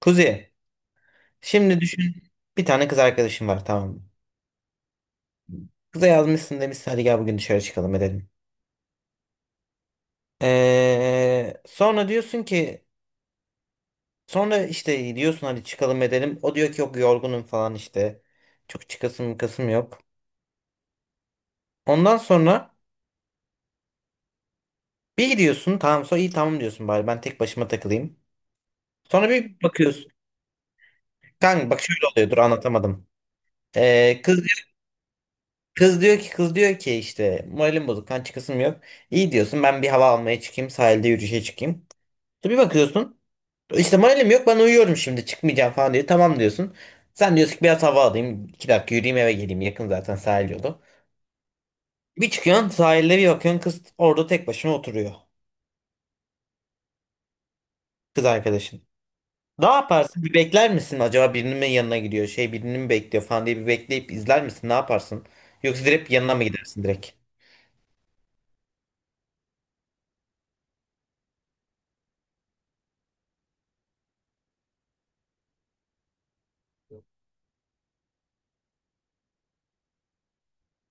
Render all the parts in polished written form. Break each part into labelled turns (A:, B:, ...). A: Kuzi, şimdi düşün bir tane kız arkadaşın var tamam mı? Kıza yazmışsın demişsin hadi gel bugün dışarı çıkalım edelim. Ee, sonra diyorsun ki sonra işte diyorsun hadi çıkalım edelim. O diyor ki yok yorgunum falan işte. Çok çıkasım kasım yok. Ondan sonra bir gidiyorsun tamam sonra iyi tamam diyorsun bari ben tek başıma takılayım. Sonra bir bakıyorsun. Kanka bak şöyle oluyor dur anlatamadım. Ee, kız, kız diyor ki işte moralim bozuk kan çıkasım yok. İyi diyorsun ben bir hava almaya çıkayım sahilde yürüyüşe çıkayım. Bir bakıyorsun. İşte moralim yok ben uyuyorum şimdi çıkmayacağım falan diyor. Tamam diyorsun. Sen diyorsun ki biraz hava alayım. İki dakika yürüyeyim eve geleyim. Yakın zaten sahil yolu. Bir çıkıyorsun sahilde bir bakıyorsun kız orada tek başına oturuyor. Kız arkadaşın. Ne yaparsın? Bir bekler misin? Acaba birinin mi yanına gidiyor? Şey birini mi bekliyor falan diye bir bekleyip izler misin? Ne yaparsın? Yoksa direkt yanına mı gidersin direkt?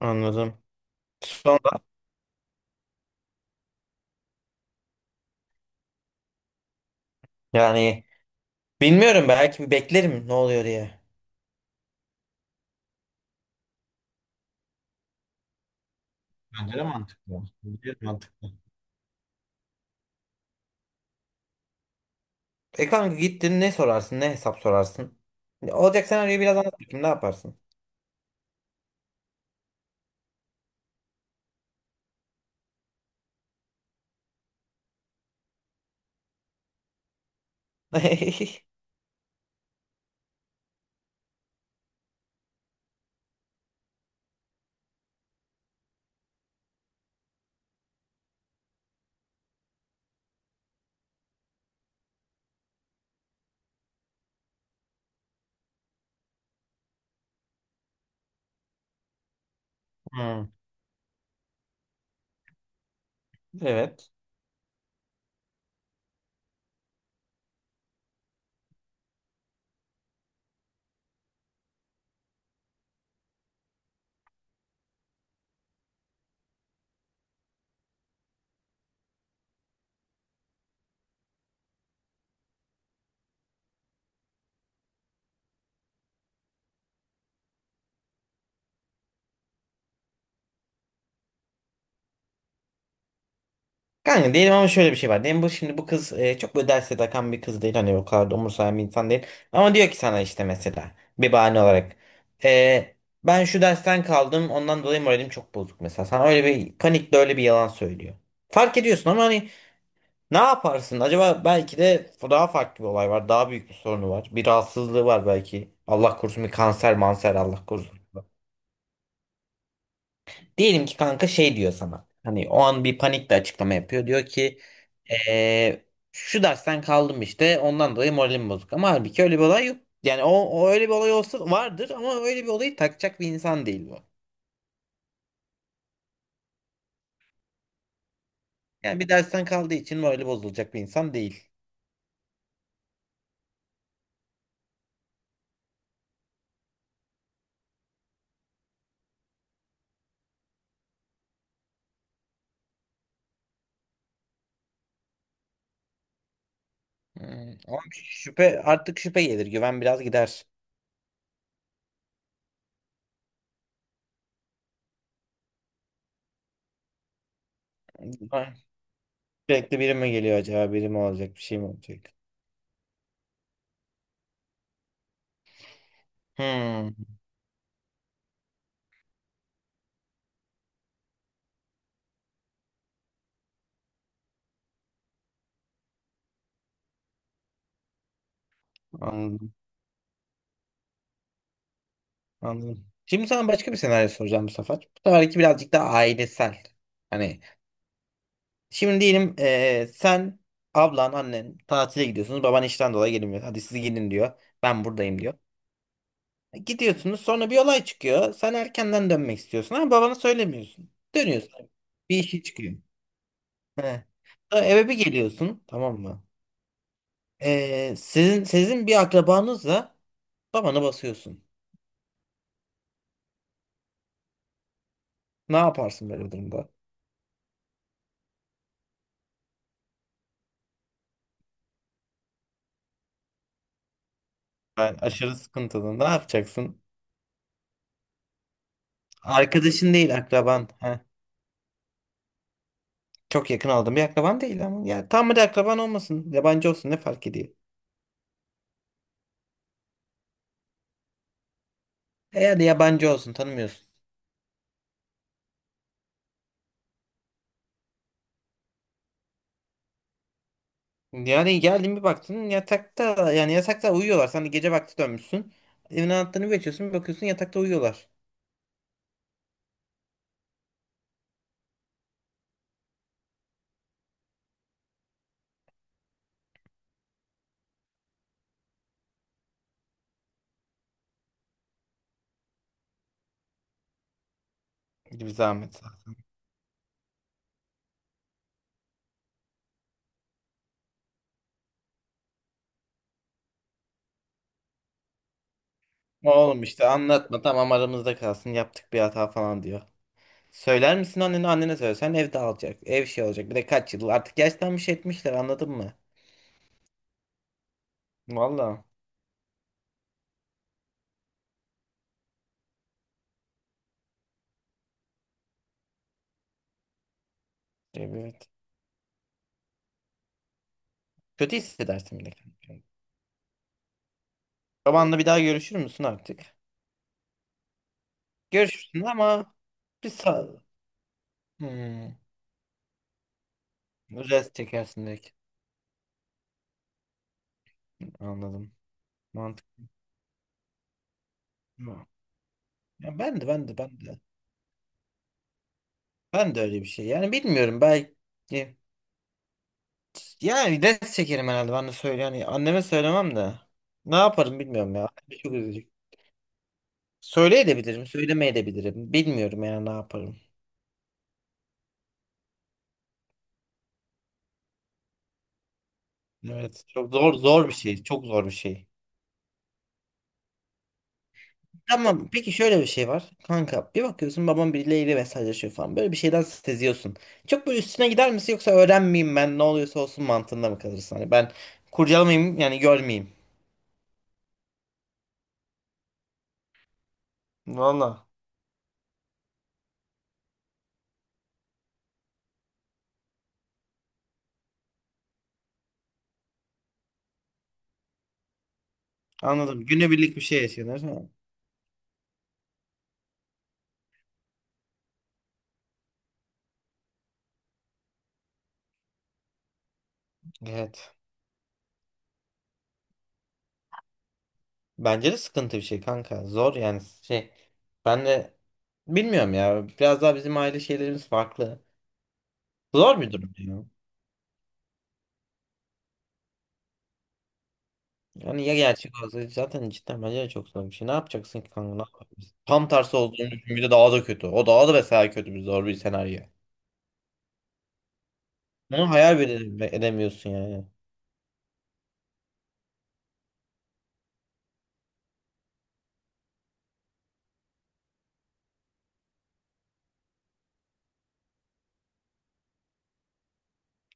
A: Anladım. Sonra yani bilmiyorum belki bir beklerim ne oluyor diye. Bence de mantıklı. Bence de mantıklı. E kanka gittin ne sorarsın ne hesap sorarsın. Olacak senaryoyu biraz anlat bakayım ne yaparsın? Hmm, evet. Kanka değilim ama şöyle bir şey var. Diyelim bu şimdi bu kız çok böyle derse takan bir kız değil. Hani o kadar da umursayan bir insan değil. Ama diyor ki sana işte mesela bir bahane olarak. e, Ben şu dersten kaldım ondan dolayı moralim çok bozuk mesela. Sana öyle bir panikle öyle bir yalan söylüyor. Fark ediyorsun ama hani ne yaparsın? Acaba belki de daha farklı bir olay var. Daha büyük bir sorunu var. Bir rahatsızlığı var belki. Allah korusun bir kanser manser Allah korusun. Diyelim ki kanka şey diyor sana. Hani o an bir panikle açıklama yapıyor. Diyor ki Ee, şu dersten kaldım işte ondan dolayı moralim bozuk. Ama halbuki öyle bir olay yok. Yani o öyle bir olay olsa vardır ama öyle bir olayı takacak bir insan değil bu. Yani bir dersten kaldığı için morali bozulacak bir insan değil. Hmm, ama şüphe artık şüphe gelir güven biraz gider. Ah, sürekli biri mi geliyor acaba biri mi olacak bir şey mi olacak? Hmm, anladım anladım. Şimdi sana başka bir senaryo soracağım bu sefer. Bu seferki birazcık daha ailesel. Hani şimdi diyelim sen, ablan, annen tatile gidiyorsunuz. Baban işten dolayı gelmiyor. Hadi siz gidin diyor. Ben buradayım diyor. Gidiyorsunuz sonra bir olay çıkıyor. Sen erkenden dönmek istiyorsun ama babana söylemiyorsun. Dönüyorsun. Bir işi çıkıyor. He. Sonra eve bir geliyorsun tamam mı? Sizin bir akrabanızla babana basıyorsun. Ne yaparsın böyle bir durumda? Ben aşırı sıkıntılı. Ne yapacaksın? Arkadaşın değil akraban. Çok yakın aldığım bir akraban değil ama. Ya tam bir akraban olmasın. Yabancı olsun ne fark ediyor? E yani yabancı olsun tanımıyorsun. Yani geldin bir baktın yatakta yani yatakta uyuyorlar. Sen de gece vakti dönmüşsün. Evin anahtarını geçiyorsun bir bakıyorsun yatakta uyuyorlar. Bir zahmet zaten. Oğlum işte anlatma tamam aramızda kalsın yaptık bir hata falan diyor. Söyler misin annene annene söylesen ev dağılacak. Ev şey olacak bir de kaç yıl artık yaşlanmış etmişler anladın mı? Valla. Evet. Kötü hissedersin bir de. Kendini. Babanla bir daha görüşür müsün artık? Görüşürsün ama bir sağ... Hmm. Rest çekersin direkt. Anladım. Mantıklı. Ya ben de ben de. Ben de öyle bir şey. Yani bilmiyorum belki. Yani rest çekerim herhalde. Ben de söyle. Yani anneme söylemem de. Ne yaparım bilmiyorum ya. Çok üzücü. Söyleyebilirim, söylemeyebilirim. Bilmiyorum yani ne yaparım. Evet, çok zor bir şey. Çok zor bir şey. Tamam. Peki şöyle bir şey var. Kanka bir bakıyorsun babam birileriyle mesajlaşıyor falan. Böyle bir şeyden seziyorsun. Çok böyle üstüne gider misin yoksa öğrenmeyeyim ben ne oluyorsa olsun mantığında mı kalırsın? Hani ben kurcalamayayım yani görmeyeyim. Valla. Anladım. Günübirlik bir şey yaşıyorlar. Ha. Evet. Bence de sıkıntı bir şey kanka. Zor yani şey. Ben de bilmiyorum ya. Biraz daha bizim aile şeylerimiz farklı. Zor bir durum ya. Yani ya gerçek olsa zaten cidden bence de çok zor bir şey. Ne yapacaksın ki kanka? Ne yapabilirsin? Tam tersi olduğunu düşün. Bir de daha da kötü. O daha da mesela kötü bir zor bir senaryo. Bunu hayal bile edemiyorsun yani.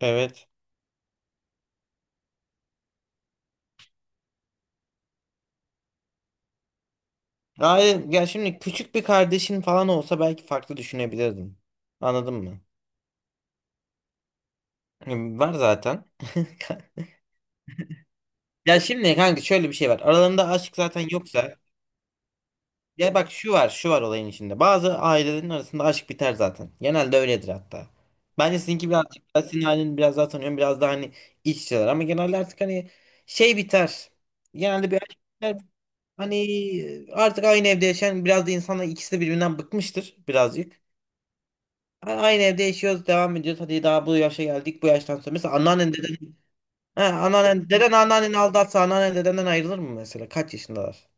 A: Evet. Yani ya şimdi küçük bir kardeşin falan olsa belki farklı düşünebilirdim. Anladın mı? Yani var zaten. Ya şimdi kanka şöyle bir şey var. Aralarında aşk zaten yoksa ya bak şu var, şu var olayın içinde. Bazı ailelerin arasında aşk biter zaten. Genelde öyledir hatta. Bence sizinki birazcık daha senin ailen biraz daha tanıyorum. Biraz daha hani iç içeler. Ama genelde artık hani şey biter. Genelde bir aşk biter. Hani artık aynı evde yaşayan biraz da insanlar ikisi de birbirinden bıkmıştır birazcık. Aynı evde yaşıyoruz, devam ediyoruz. Hadi daha bu yaşa geldik. Bu yaştan sonra mesela anneannen deden, he, anneannen deden anneanneni aldatsa anneannen dedenden ayrılır mı mesela? Kaç yaşındalar?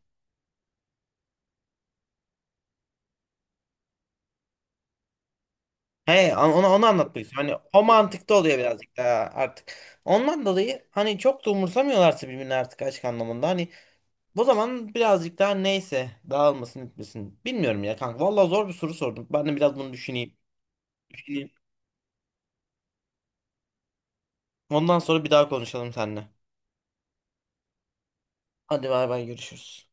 A: He, onu anlatmak istiyorum. Hani o mantıkta oluyor birazcık daha artık. Ondan dolayı hani çok da umursamıyorlarsa birbirini artık aşk anlamında. Hani bu zaman birazcık daha neyse dağılmasın etmesin. Bilmiyorum ya kanka. Vallahi zor bir soru sordum. Ben de biraz bunu düşüneyim. Düşüneyim. Ondan sonra bir daha konuşalım seninle. Hadi bay bay görüşürüz.